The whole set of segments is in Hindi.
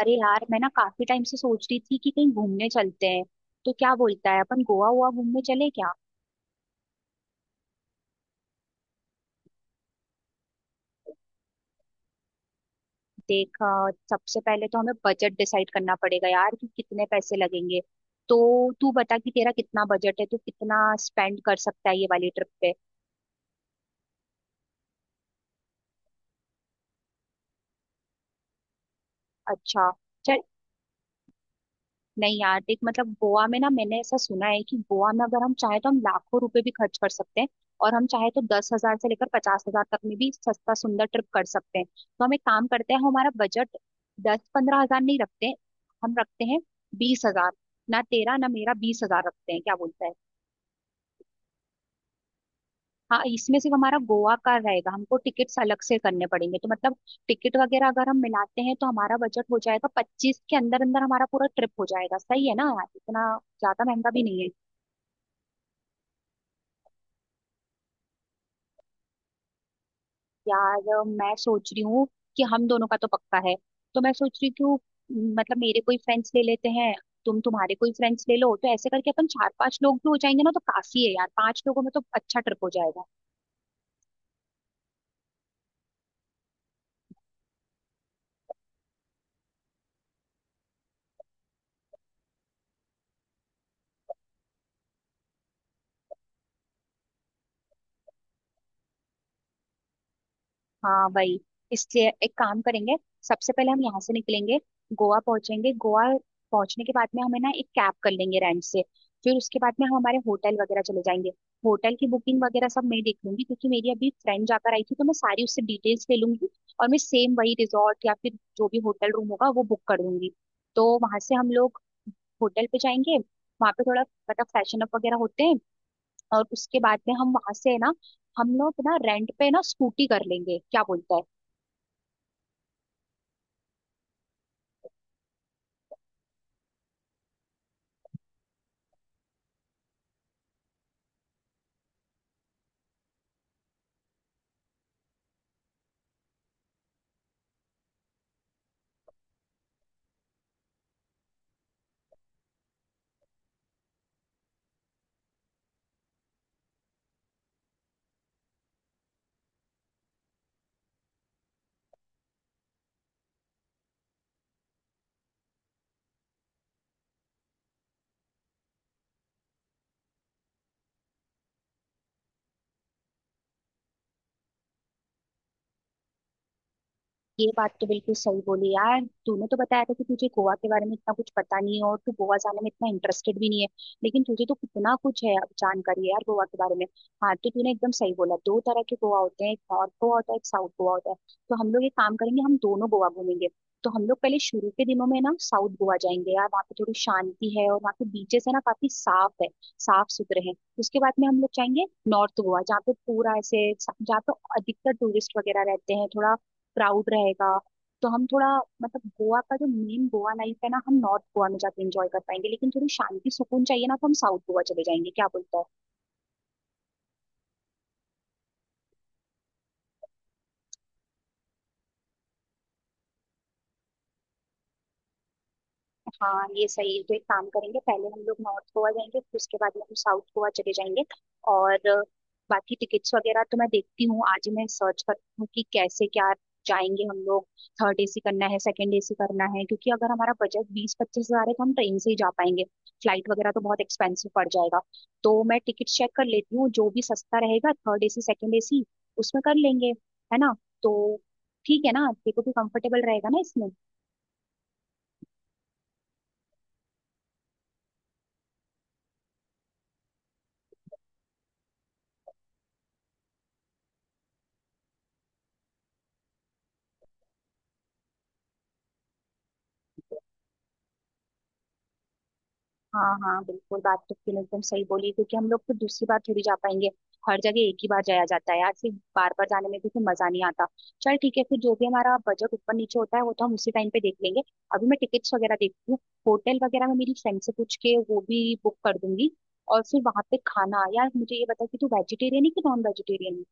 अरे यार, मैं ना काफी टाइम से सोच रही थी कि कहीं घूमने चलते हैं। तो क्या बोलता है, अपन गोवा हुआ घूमने चले क्या? देख, सबसे पहले तो हमें बजट डिसाइड करना पड़ेगा यार, कि कितने पैसे लगेंगे। तो तू बता कि तेरा कितना बजट है, तू कितना स्पेंड कर सकता है ये वाली ट्रिप पे? अच्छा। नहीं यार, देख मतलब गोवा में ना, मैंने ऐसा सुना है कि गोवा में अगर हम चाहे तो हम लाखों रुपए भी खर्च कर सकते हैं। और हम चाहे तो 10,000 से लेकर 50,000 तक में भी सस्ता सुंदर ट्रिप कर सकते हैं। तो हम एक काम करते हैं, हम हमारा बजट 10-15 हज़ार नहीं रखते। हम रखते हैं 20,000। ना तेरा ना मेरा, 20,000 रखते हैं, क्या बोलता है? हाँ, इसमें सिर्फ हमारा गोवा का रहेगा, हमको टिकट्स अलग से करने पड़ेंगे। तो मतलब टिकट वगैरह अगर हम मिलाते हैं तो हमारा बजट हो जाएगा 25 के अंदर अंदर, हमारा पूरा ट्रिप हो जाएगा। सही है ना यार, इतना ज्यादा महंगा भी नहीं है। यार मैं सोच रही हूँ कि हम दोनों का तो पक्का है। तो मैं सोच रही हूँ क्यों, मतलब मेरे कोई फ्रेंड्स ले लेते हैं, तुम तुम्हारे कोई फ्रेंड्स ले लो। तो ऐसे करके अपन 4-5 लोग भी हो जाएंगे ना, तो काफी है यार, 5 लोगों में तो अच्छा ट्रिप हो जाएगा। हाँ वही, इसलिए एक काम करेंगे। सबसे पहले हम यहाँ से निकलेंगे, गोवा पहुंचेंगे। गोवा पहुंचने के बाद में हमें ना एक कैब कर लेंगे रेंट से। फिर उसके बाद में हम हमारे होटल वगैरह चले जाएंगे। होटल की बुकिंग वगैरह सब मैं देख लूंगी, क्योंकि मेरी अभी फ्रेंड जाकर आई थी, तो मैं सारी उससे डिटेल्स ले लूंगी। और मैं सेम वही रिजॉर्ट या फिर जो भी होटल रूम होगा वो बुक कर दूंगी। तो वहां से हम लोग होटल पे जाएंगे, वहां पे थोड़ा मतलब फैशन अप वगैरह होते हैं। और उसके बाद में हम वहां से है ना, हम लोग ना रेंट पे ना स्कूटी कर लेंगे, क्या बोलता है? ये बात तो बिल्कुल सही बोली यार। तूने तो बताया था कि तुझे गोवा के बारे में इतना कुछ पता नहीं है, और तू गोवा जाने में इतना इंटरेस्टेड भी नहीं है। लेकिन तुझे तो कितना कुछ है अब जानकारी यार गोवा के बारे में। हाँ, तो तूने एकदम सही बोला, दो तरह के गोवा होते हैं, एक नॉर्थ गोवा होता है, एक साउथ गोवा होता है। तो हम लोग एक काम करेंगे, हम दोनों गोवा घूमेंगे। तो हम लोग पहले शुरू के दिनों में ना साउथ गोवा जाएंगे यार, वहाँ पे थोड़ी शांति है और वहाँ के बीचेस है ना काफी साफ है, साफ सुथरे हैं। उसके बाद में हम लोग जाएंगे नॉर्थ गोवा, जहाँ पे पूरा ऐसे जहाँ पे अधिकतर टूरिस्ट वगैरह रहते हैं, थोड़ा क्राउड रहेगा। तो हम थोड़ा मतलब गोवा का जो मेन गोवा लाइफ है ना हम नॉर्थ गोवा में जाके एंजॉय कर पाएंगे, लेकिन थोड़ी शांति सुकून चाहिए ना तो हम साउथ गोवा चले जाएंगे, क्या बोलते हो? हाँ ये सही है, तो एक काम करेंगे, पहले हम लोग नॉर्थ गोवा जाएंगे, फिर उसके बाद में हम साउथ गोवा चले जाएंगे। और बाकी टिकट्स वगैरह तो मैं देखती हूँ, आज ही मैं सर्च करती हूँ कि कैसे क्या जाएंगे हम लोग। थर्ड एसी करना है सेकंड एसी करना है, क्योंकि अगर हमारा बजट 20-25 हज़ार है तो हम ट्रेन से ही जा पाएंगे। फ्लाइट वगैरह तो बहुत एक्सपेंसिव पड़ जाएगा। तो मैं टिकट चेक कर लेती हूँ, जो भी सस्ता रहेगा थर्ड एसी सेकंड एसी उसमें कर लेंगे, है ना? तो ठीक है ना, तेरे को भी कंफर्टेबल रहेगा ना इसमें? हाँ हाँ बिल्कुल, बात तो तुम एकदम सही बोली, क्योंकि हम लोग फिर दूसरी बार थोड़ी जा पाएंगे। हर जगह एक ही बार जाया जाता है यार, फिर बार बार जाने में भी फिर मजा नहीं आता। चल ठीक है, फिर जो भी हमारा बजट ऊपर नीचे होता है वो तो हम उसी टाइम पे देख लेंगे। अभी मैं टिकट्स वगैरह देखती हूँ। होटल वगैरह मैं मेरी फ्रेंड से पूछ के वो भी बुक कर दूंगी। और फिर वहां पे खाना, यार मुझे ये बता कि तू वेजिटेरियन है कि नॉन वेजिटेरियन?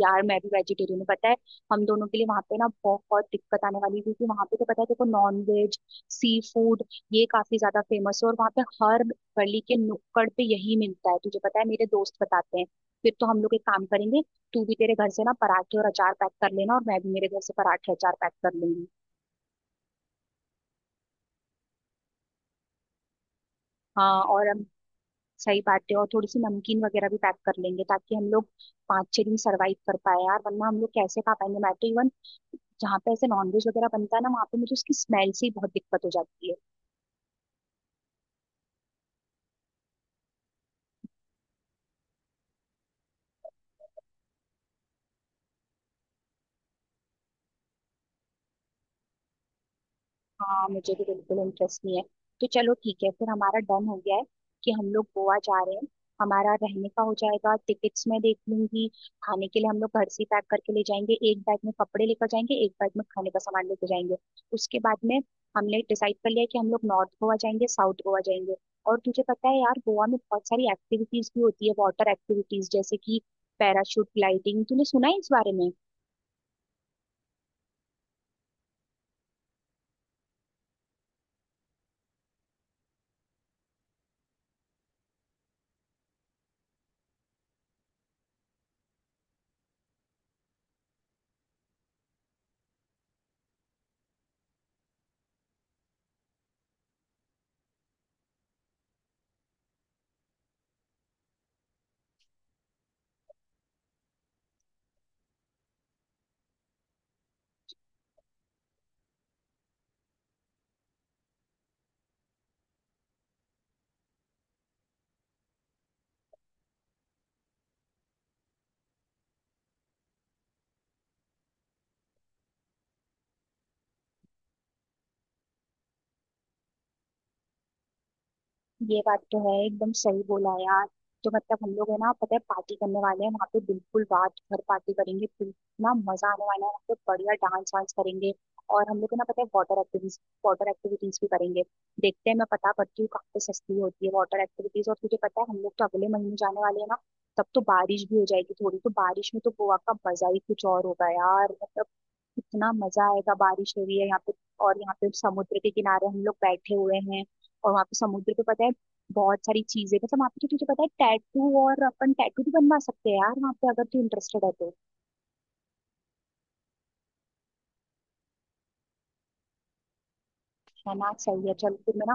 यार मैं भी वेजिटेरियन हूँ पता है। हम दोनों के लिए वहां पे ना बहुत दिक्कत आने वाली है, क्योंकि वहां पे तो पता है देखो, नॉन वेज सी फूड ये काफी ज्यादा फेमस है, और वहां पे हर गली के नुक्कड़ पे यही मिलता है, तुझे पता है मेरे दोस्त बताते हैं। फिर तो हम लोग एक काम करेंगे, तू भी तेरे घर से ना पराठे और अचार पैक कर लेना और मैं भी मेरे घर से पराठे अचार पैक कर लूंगी। हाँ और हम सही बात है, और थोड़ी सी नमकीन वगैरह भी पैक कर लेंगे ताकि हम लोग 5-6 दिन सरवाइव कर पाए यार, वरना हम लोग कैसे खा पाएंगे। मैं तो इवन जहाँ पे ऐसे नॉनवेज वगैरह बनता है ना वहाँ पे मुझे उसकी स्मेल से ही बहुत दिक्कत हो जाती है। हाँ मुझे भी बिल्कुल इंटरेस्ट नहीं है। तो चलो ठीक है, फिर हमारा डन हो गया है कि हम लोग गोवा जा रहे हैं। हमारा रहने का हो जाएगा, टिकट्स मैं देख लूंगी। खाने के लिए हम लोग घर से पैक करके ले जाएंगे, एक बैग में कपड़े लेकर जाएंगे, एक बैग में खाने का सामान लेकर जाएंगे। उसके बाद में हमने डिसाइड कर लिया कि हम लोग नॉर्थ गोवा जाएंगे साउथ गोवा जाएंगे। और तुझे पता है यार, गोवा में बहुत सारी एक्टिविटीज भी होती है, वाटर एक्टिविटीज, जैसे कि पैराशूट ग्लाइडिंग, तूने सुना है इस बारे में? ये बात तो है, एकदम सही बोला यार। तो मतलब हम लोग है ना पता है पार्टी करने वाले हैं वहाँ पे, बिल्कुल रात भर पार्टी करेंगे फिर ना, मजा आने वाला है वहाँ पे, बढ़िया डांस वांस करेंगे। और हम लोग है ना पता है वाटर एक्टिविटीज, वाटर एक्टिविटीज भी करेंगे। देखते हैं, मैं पता करती हूँ कहाँ पे सस्ती होती है वाटर एक्टिविटीज। और तुझे पता है, हम लोग तो अगले महीने जाने वाले हैं ना, तब तो बारिश भी हो जाएगी थोड़ी, तो बारिश में तो गोवा का मजा ही कुछ और होगा यार। इतना मजा आएगा, बारिश हो रही है यहाँ पे, और यहाँ पे समुद्र के किनारे हम लोग बैठे हुए हैं। और वहाँ पे समुद्र पे पता है बहुत सारी चीजें मतलब वहाँ पे, तो तुझे पता है टैटू, और अपन टैटू भी बनवा सकते हैं यार वहाँ पे अगर तू इंटरेस्टेड है तो। चला सही है, चल फिर मैं ना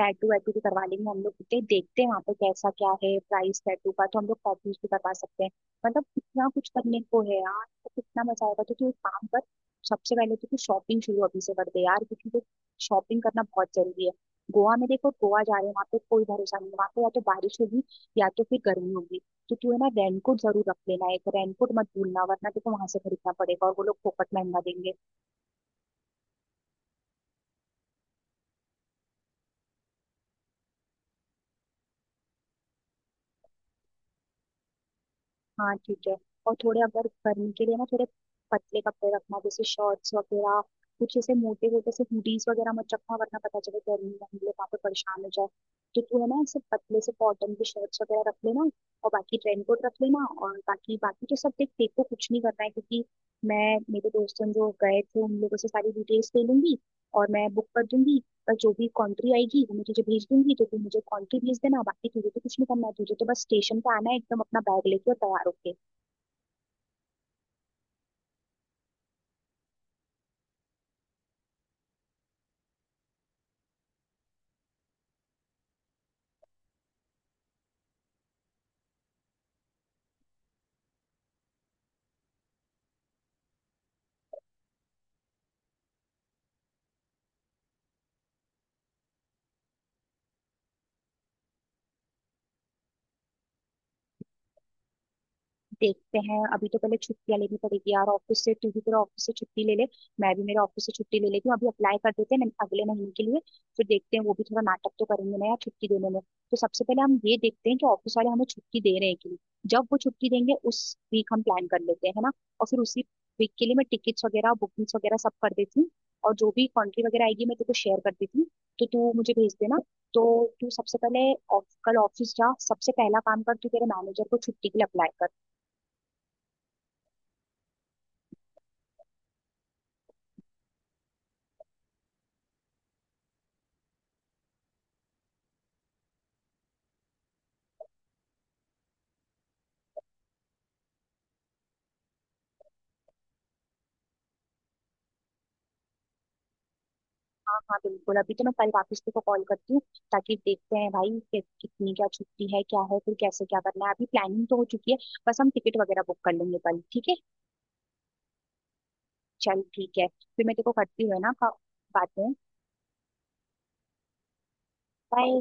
टैटू वैटू भी करवा लेंगे हम लोग, कितने देखते हैं वहाँ पे कैसा क्या है प्राइस टैटू का, तो हम लोग कॉपीज भी करवा सकते हैं। मतलब कितना कुछ करने को है यार, तो कितना मजा आएगा। तो तू एक काम कर, सबसे पहले तो तू शॉपिंग शुरू अभी से कर दे यार, क्योंकि तो शॉपिंग करना बहुत जरूरी है। गोवा में देखो, गोवा जा रहे हैं, वहाँ पे कोई भरोसा नहीं है। वहाँ पे या तो बारिश होगी या तो फिर गर्मी होगी। तो तू है ना रेनकोट जरूर रख लेना, एक रेनकोट मत भूलना, वरना देखो वहां से खरीदना पड़ेगा और वो लोग फोकट महंगा देंगे। हाँ ठीक है। और थोड़े अगर गर्मी के लिए ना थोड़े पतले कपड़े रखना, जैसे शॉर्ट्स वगैरह। कुछ ऐसे मोटे मोटे से हुडीज वगैरह मत रखना, वरना पता चले गर्मी में हम लोग वहाँ पे परेशान हो जाए। तो तू है ना ऐसे पतले से कॉटन की शर्ट्स वगैरह रख लेना। और बाकी रेन कोट रख लेना। और बाकी बाकी तो सब देख, देखो कुछ नहीं करना है, क्योंकि मैं मेरे दोस्तों जो गए थे उन लोगों से सारी डिटेल्स ले लूंगी और मैं बुक कर दूंगी। और जो भी कंट्री आएगी वो मैं तुझे भेज दूंगी, तो तू मुझे कंट्री भेज देना। बाकी तुझे तो कुछ नहीं करना है, तुझे तो बस स्टेशन पे आना है एकदम, अपना बैग लेके और तैयार होके। देखते हैं, अभी तो पहले छुट्टियां लेनी पड़ेगी यार ऑफिस से, तू भी तेरा ऑफिस से छुट्टी ले ले, मैं भी मेरे ऑफिस से छुट्टी ले लेती हूँ। अभी अप्लाई कर देते हैं अगले महीने के लिए। फिर देखते हैं, वो भी थोड़ा नाटक तो करेंगे ना यार छुट्टी देने में। तो सबसे पहले हम ये देखते हैं कि ऑफिस वाले हमें छुट्टी दे रहे हैं कि नहीं। जब वो छुट्टी देंगे उस वीक हम प्लान कर लेते हैं, है ना? और फिर उसी वीक के लिए मैं टिकट्स वगैरह बुकिंग्स वगैरह सब कर देती हूँ। और जो भी कंट्री वगैरह आएगी मैं तेरे को शेयर कर देती हूँ, तो तू मुझे भेज देना। तो तू सबसे पहले कल ऑफिस जा, सबसे पहला काम कर, तू तेरे मैनेजर को छुट्टी के लिए अप्लाई कर। हाँ हाँ बिल्कुल, अभी तो मैं कल वापस को कॉल करती हूँ ताकि देखते हैं भाई कि कितनी क्या छुट्टी है क्या है, फिर कैसे क्या करना है। अभी प्लानिंग तो हो चुकी है, बस हम टिकट वगैरह बुक कर लेंगे कल, ठीक है? चल ठीक है, फिर मैं तेरे को करती हूँ, है ना बातें। बाय।